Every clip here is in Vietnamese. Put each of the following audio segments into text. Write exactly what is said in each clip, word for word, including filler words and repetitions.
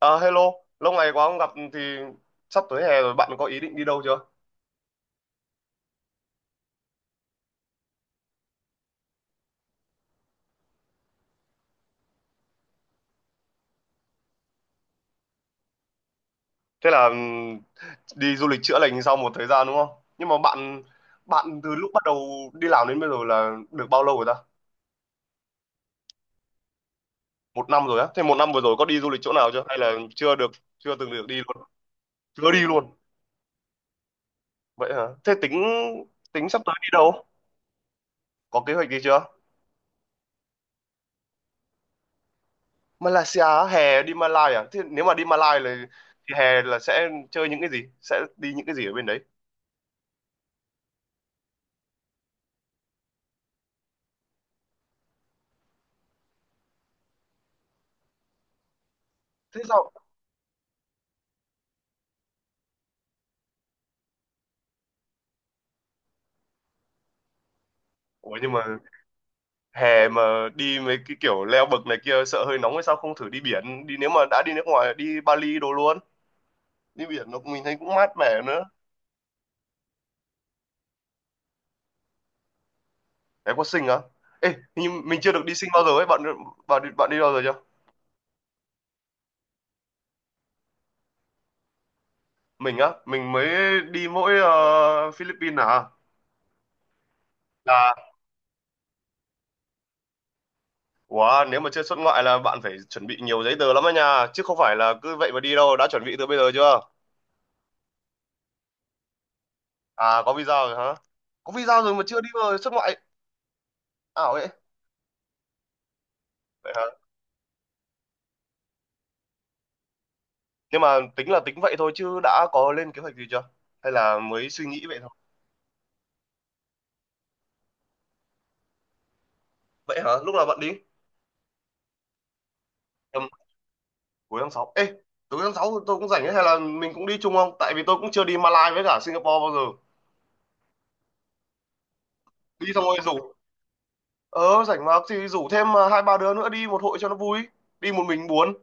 À, hello, lâu ngày quá không gặp thì sắp tới hè rồi bạn có ý định đi đâu chưa? Thế là ừm, đi du lịch chữa lành sau một thời gian đúng không? Nhưng mà bạn bạn từ lúc bắt đầu đi làm đến bây giờ là được bao lâu rồi ta? Một năm rồi á. Thế một năm vừa rồi có đi du lịch chỗ nào chưa? Hay là chưa được, chưa từng được đi luôn? Chưa đi luôn. Vậy hả? Thế tính tính sắp tới đi đâu? Có kế hoạch gì chưa? Malaysia á, hè đi Malai à? Thế nếu mà đi Malai là thì hè là sẽ chơi những cái gì? Sẽ đi những cái gì ở bên đấy? Thế sao? Ủa nhưng mà hè mà đi mấy cái kiểu leo bậc này kia sợ hơi nóng hay sao không thử đi biển đi, nếu mà đã đi nước ngoài đi Bali đồ luôn, đi biển nó mình thấy cũng mát mẻ nữa. Em có sinh á, ê hình như mình chưa được đi sinh bao giờ ấy bạn. Bạn đi- bạn đi bao giờ chưa? Mình á, mình mới đi mỗi ờ, Philippines à. Là wow, nếu mà chưa xuất ngoại là bạn phải chuẩn bị nhiều giấy tờ lắm á nha, chứ không phải là cứ vậy mà đi đâu. Đã chuẩn bị từ bây giờ chưa? À có visa rồi hả? Có visa rồi mà chưa đi, vào xuất ngoại ảo ấy. Nhưng mà tính là tính vậy thôi chứ đã có lên kế hoạch gì chưa, hay là mới suy nghĩ vậy thôi? Vậy hả, lúc nào bạn đi? Tầm cuối tháng sáu, ê cuối tháng sáu tôi cũng rảnh ấy, hay là mình cũng đi chung không? Tại vì tôi cũng chưa đi Malaysia với cả Singapore bao giờ. Đi xong rồi rủ, ờ rảnh mà thì rủ thêm à, hai ba đứa nữa đi một hội cho nó vui, đi một mình buồn.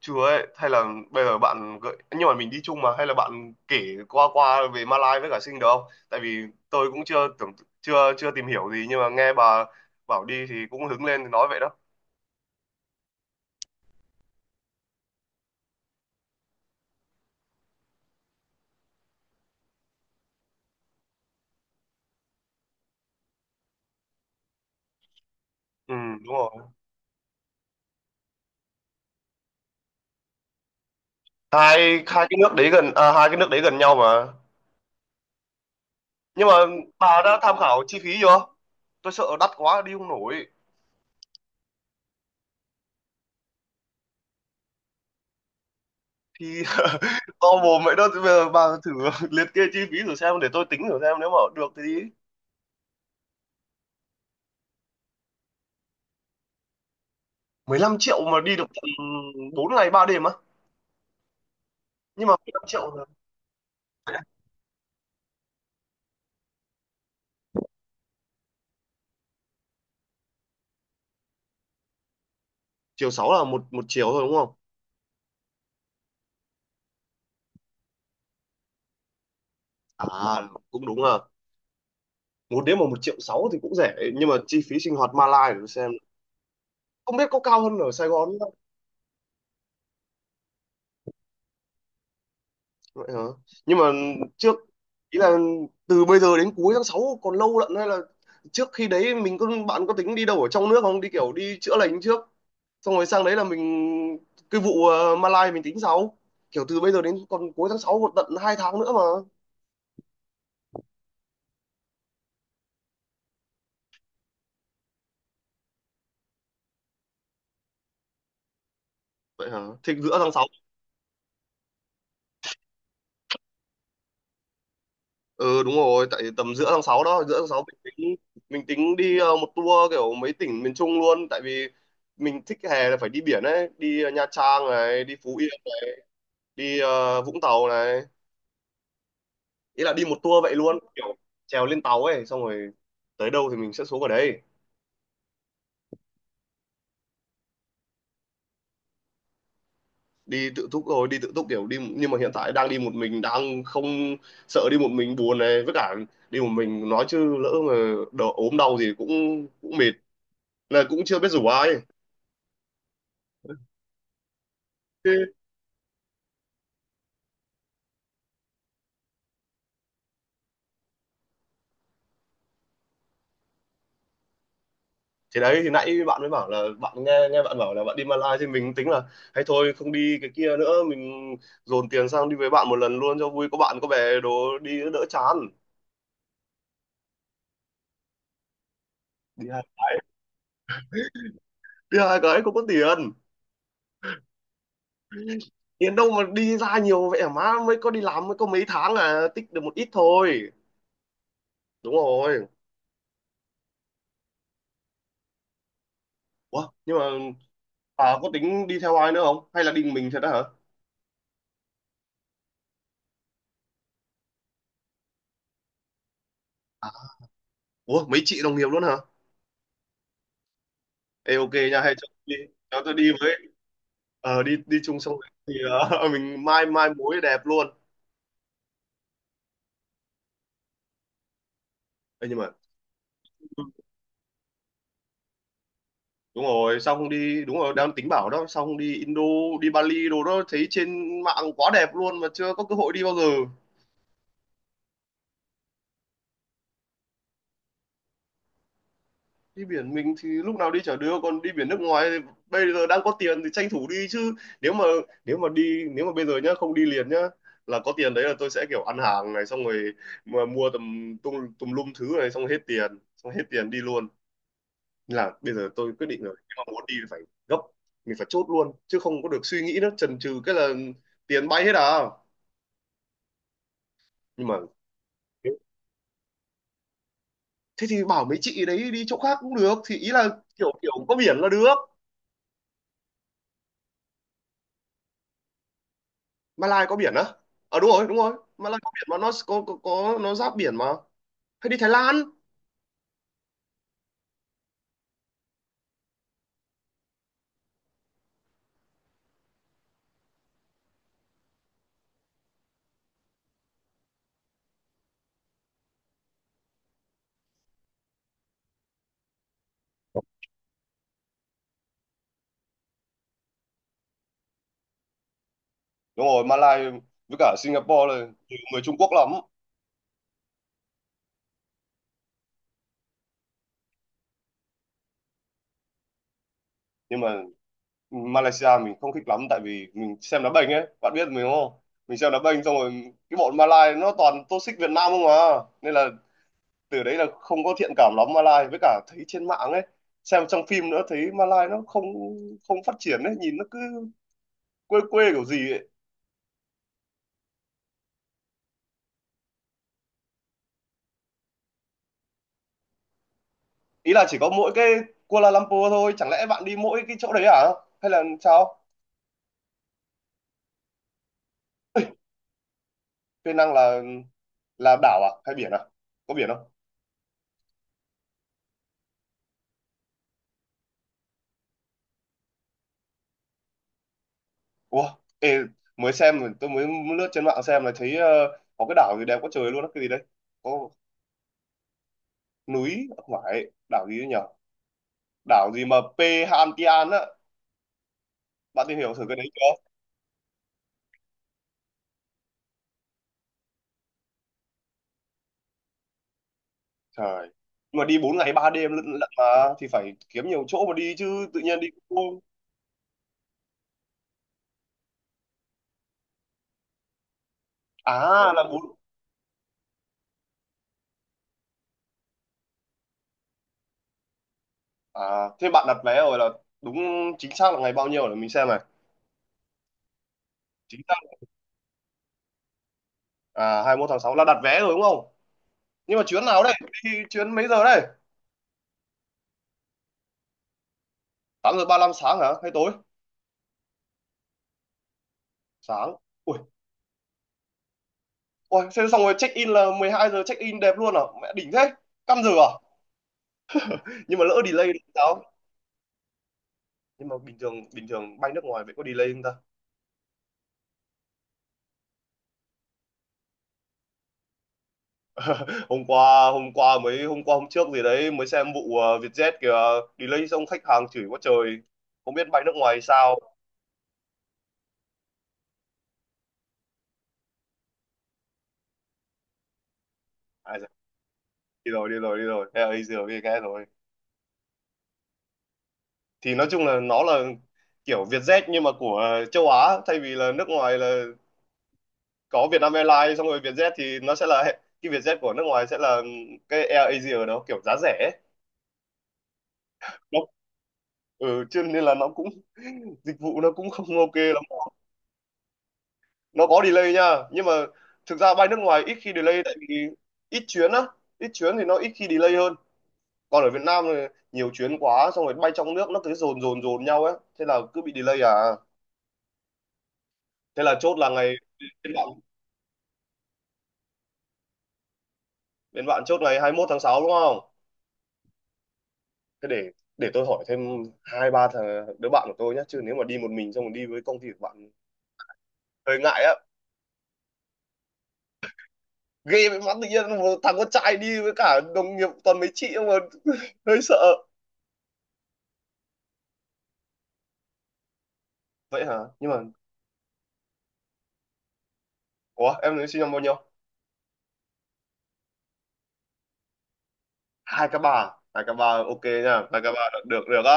Chừa ấy, hay là bây giờ bạn gợi nhưng mà mình đi chung mà, hay là bạn kể qua qua về Malaysia với cả Sing được không? Tại vì tôi cũng chưa tưởng, chưa chưa tìm hiểu gì, nhưng mà nghe bà bảo đi thì cũng hứng lên thì nói vậy đó. Ừ, đúng rồi. Hai hai cái nước đấy gần à, hai cái nước đấy gần nhau mà. Nhưng mà bà đã tham khảo chi phí chưa? Tôi sợ đắt quá đi không nổi. Thì to mồm vậy đó, bây giờ bà thử liệt kê chi phí thử xem để tôi tính thử xem nếu mà được thì đi. Mười lăm triệu mà đi được tận bốn ngày ba đêm á. Nhưng mà mười lăm triệu là chiều sáu là một một chiều thôi đúng không? À cũng đúng à. Một đêm mà một triệu sáu thì cũng rẻ, nhưng mà chi phí sinh hoạt Malai để tôi xem không biết có cao hơn ở Sài Gòn. Vậy hả? Nhưng mà trước ý là từ bây giờ đến cuối tháng sáu còn lâu lận, hay là trước khi đấy mình có, bạn có tính đi đâu ở trong nước không? Đi kiểu đi chữa lành trước xong rồi sang đấy là mình, cái vụ ờ, Malai mình tính sau. Kiểu từ bây giờ đến còn cuối tháng sáu còn tận hai tháng nữa mà. Vậy hả? Thì giữa tháng sáu, ừ đúng rồi, tại tầm giữa tháng sáu đó, giữa tháng sáu mình tính, mình tính đi ờ, một tour kiểu mấy tỉnh miền Trung luôn, tại vì mình thích hè là phải đi biển ấy, đi ờ, Nha Trang này, đi Phú Yên, đi ờ, Vũng Tàu này, ý là đi một tour vậy luôn, kiểu trèo lên tàu ấy xong rồi tới đâu thì mình sẽ xuống ở đấy. Đi tự túc rồi, đi tự túc kiểu đi, nhưng mà hiện tại đang đi một mình đang không, sợ đi một mình buồn này, với cả đi một mình nói chứ lỡ mà đỡ ốm đau gì cũng cũng mệt, là cũng chưa biết rủ ai. thế, Thế đấy, thì nãy bạn mới bảo là bạn nghe, nghe bạn bảo là bạn đi Malaysia thì mình tính là hay thôi không đi cái kia nữa, mình dồn tiền sang đi với bạn một lần luôn cho vui, có bạn có bè đồ đi đỡ chán. đi hai Đi hai cái không có tiền, tiền đâu mà đi ra nhiều vậy hả má, mới có đi làm mới có mấy tháng là tích được một ít thôi, đúng rồi. Ủa nhưng mà bà có tính đi theo ai nữa không, hay là đi mình thật đó hả? À, ủa mấy chị đồng nghiệp luôn hả? Ê, ok nha, hay cho tôi đi, cho tôi đi với. Ờ đi đi chung xong rồi thì ờ, mình mai mai mối đẹp luôn. Ê, nhưng mà đúng rồi sao không đi, đúng rồi đang tính bảo đó, sao không đi Indo, đi Bali đồ đó, thấy trên mạng quá đẹp luôn mà chưa có cơ hội đi bao giờ. Đi biển mình thì lúc nào đi chả đưa, còn đi biển nước ngoài thì bây giờ đang có tiền thì tranh thủ đi chứ. Nếu mà, nếu mà đi nếu mà bây giờ nhá không đi liền nhá, là có tiền đấy là tôi sẽ kiểu ăn hàng này xong rồi mà mua tầm tung tùm lum thứ này xong hết tiền, xong hết tiền đi luôn. Nên là bây giờ tôi quyết định rồi, nếu mà muốn đi thì phải gấp, mình phải chốt luôn chứ không có được suy nghĩ nữa, chần chừ cái là tiền bay hết à. Nhưng mà thế thì bảo mấy chị đấy đi chỗ khác cũng được, thì ý là kiểu kiểu có biển là được. Malai có biển á, ờ đúng rồi đúng rồi, Malai có biển mà, nó có, có, có nó giáp biển mà. Hay đi Thái Lan. Đúng rồi Malaysia với cả Singapore là trừ người Trung Quốc lắm. Nhưng mà Malaysia mình không thích lắm, tại vì mình xem đá banh ấy, bạn biết mình đúng không? Mình xem đá banh xong rồi cái bọn Malay nó toàn tô xích Việt Nam không à, nên là từ đấy là không có thiện cảm lắm Malay, với cả thấy trên mạng ấy, xem trong phim nữa thấy Malay nó không, không phát triển ấy, nhìn nó cứ quê quê kiểu gì ấy. Ý là chỉ có mỗi cái Kuala Lumpur thôi, chẳng lẽ bạn đi mỗi cái chỗ đấy à, hay là sao? Penang, năng là là đảo à hay biển à? Có biển không? Ủa, ê, mới xem, tôi mới lướt trên mạng xem là thấy ờ, có cái đảo gì đẹp quá trời luôn á, cái gì đấy, có núi không phải, đảo gì đấy nhở, đảo gì mà P Hantian á, bạn tìm hiểu thử cái đấy chưa? Trời. Nhưng mà đi bốn ngày ba đêm lận lận mà, thì phải kiếm nhiều chỗ mà đi chứ tự nhiên đi. À là bốn. À, thế bạn đặt vé rồi là đúng chính xác là ngày bao nhiêu để mình xem này. Chính xác à hai mươi mốt tháng sáu là đặt vé rồi đúng không? Nhưng mà chuyến nào đây? Đi chuyến mấy giờ đây? tám giờ ba lăm sáng hả? Hay tối? Sáng. Ui, ôi, xem xong rồi check in là mười hai giờ check in đẹp luôn à? Mẹ đỉnh thế. Căm giờ à? Nhưng mà lỡ delay thì sao? Nhưng mà bình thường bình thường bay nước ngoài vậy có delay không ta? Hôm qua hôm qua mới hôm qua hôm trước gì đấy mới xem vụ ờ, Vietjet kìa, delay xong khách hàng chửi quá trời. Không biết bay nước ngoài sao. À, đi rồi đi rồi đi rồi. Thế là Easy rồi, nghe rồi, thì nói chung là nó là kiểu Vietjet nhưng mà của ờ, châu Á, thay vì là nước ngoài là có Vietnam Airlines xong rồi Vietjet thì nó sẽ là, cái Vietjet của nước ngoài sẽ là cái Air Asia đó, kiểu giá rẻ ấy. Nó ừ, cho nên là nó cũng dịch vụ nó cũng không ok lắm. Nó có delay nha, nhưng mà thực ra bay nước ngoài ít khi delay, tại vì ít chuyến á, ít chuyến thì nó ít khi delay hơn. Còn ở Việt Nam thì nhiều chuyến quá xong rồi bay trong nước nó cứ dồn dồn dồn nhau ấy, thế là cứ bị delay à. Thế là chốt là ngày, bên bạn bên bạn chốt ngày hai mươi mốt tháng sáu đúng không? Thế để để tôi hỏi thêm hai ba thằng đứa bạn của tôi nhé, chứ nếu mà đi một mình xong rồi đi với công ty của bạn hơi ngại á, ghê với mắt, tự nhiên một thằng con trai đi với cả đồng nghiệp toàn mấy chị mà hơi sợ. Vậy hả nhưng mà ủa em nói sinh năm bao nhiêu? hai k bà, Hai k bà, ok nha hai k ba được được được á.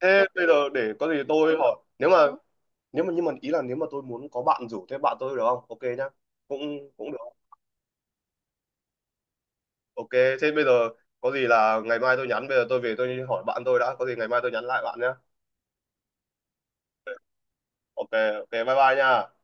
Thế bây giờ để có gì tôi hỏi, nếu mà, nếu mà nhưng mà ý là nếu mà tôi muốn có bạn rủ thêm bạn tôi được không? Ok nhá, cũng cũng được. Ok, thế bây giờ có gì là ngày mai tôi nhắn, bây giờ tôi về tôi hỏi bạn tôi đã, có gì ngày mai tôi nhắn lại bạn nhé. Ok, ok, bye bye nha.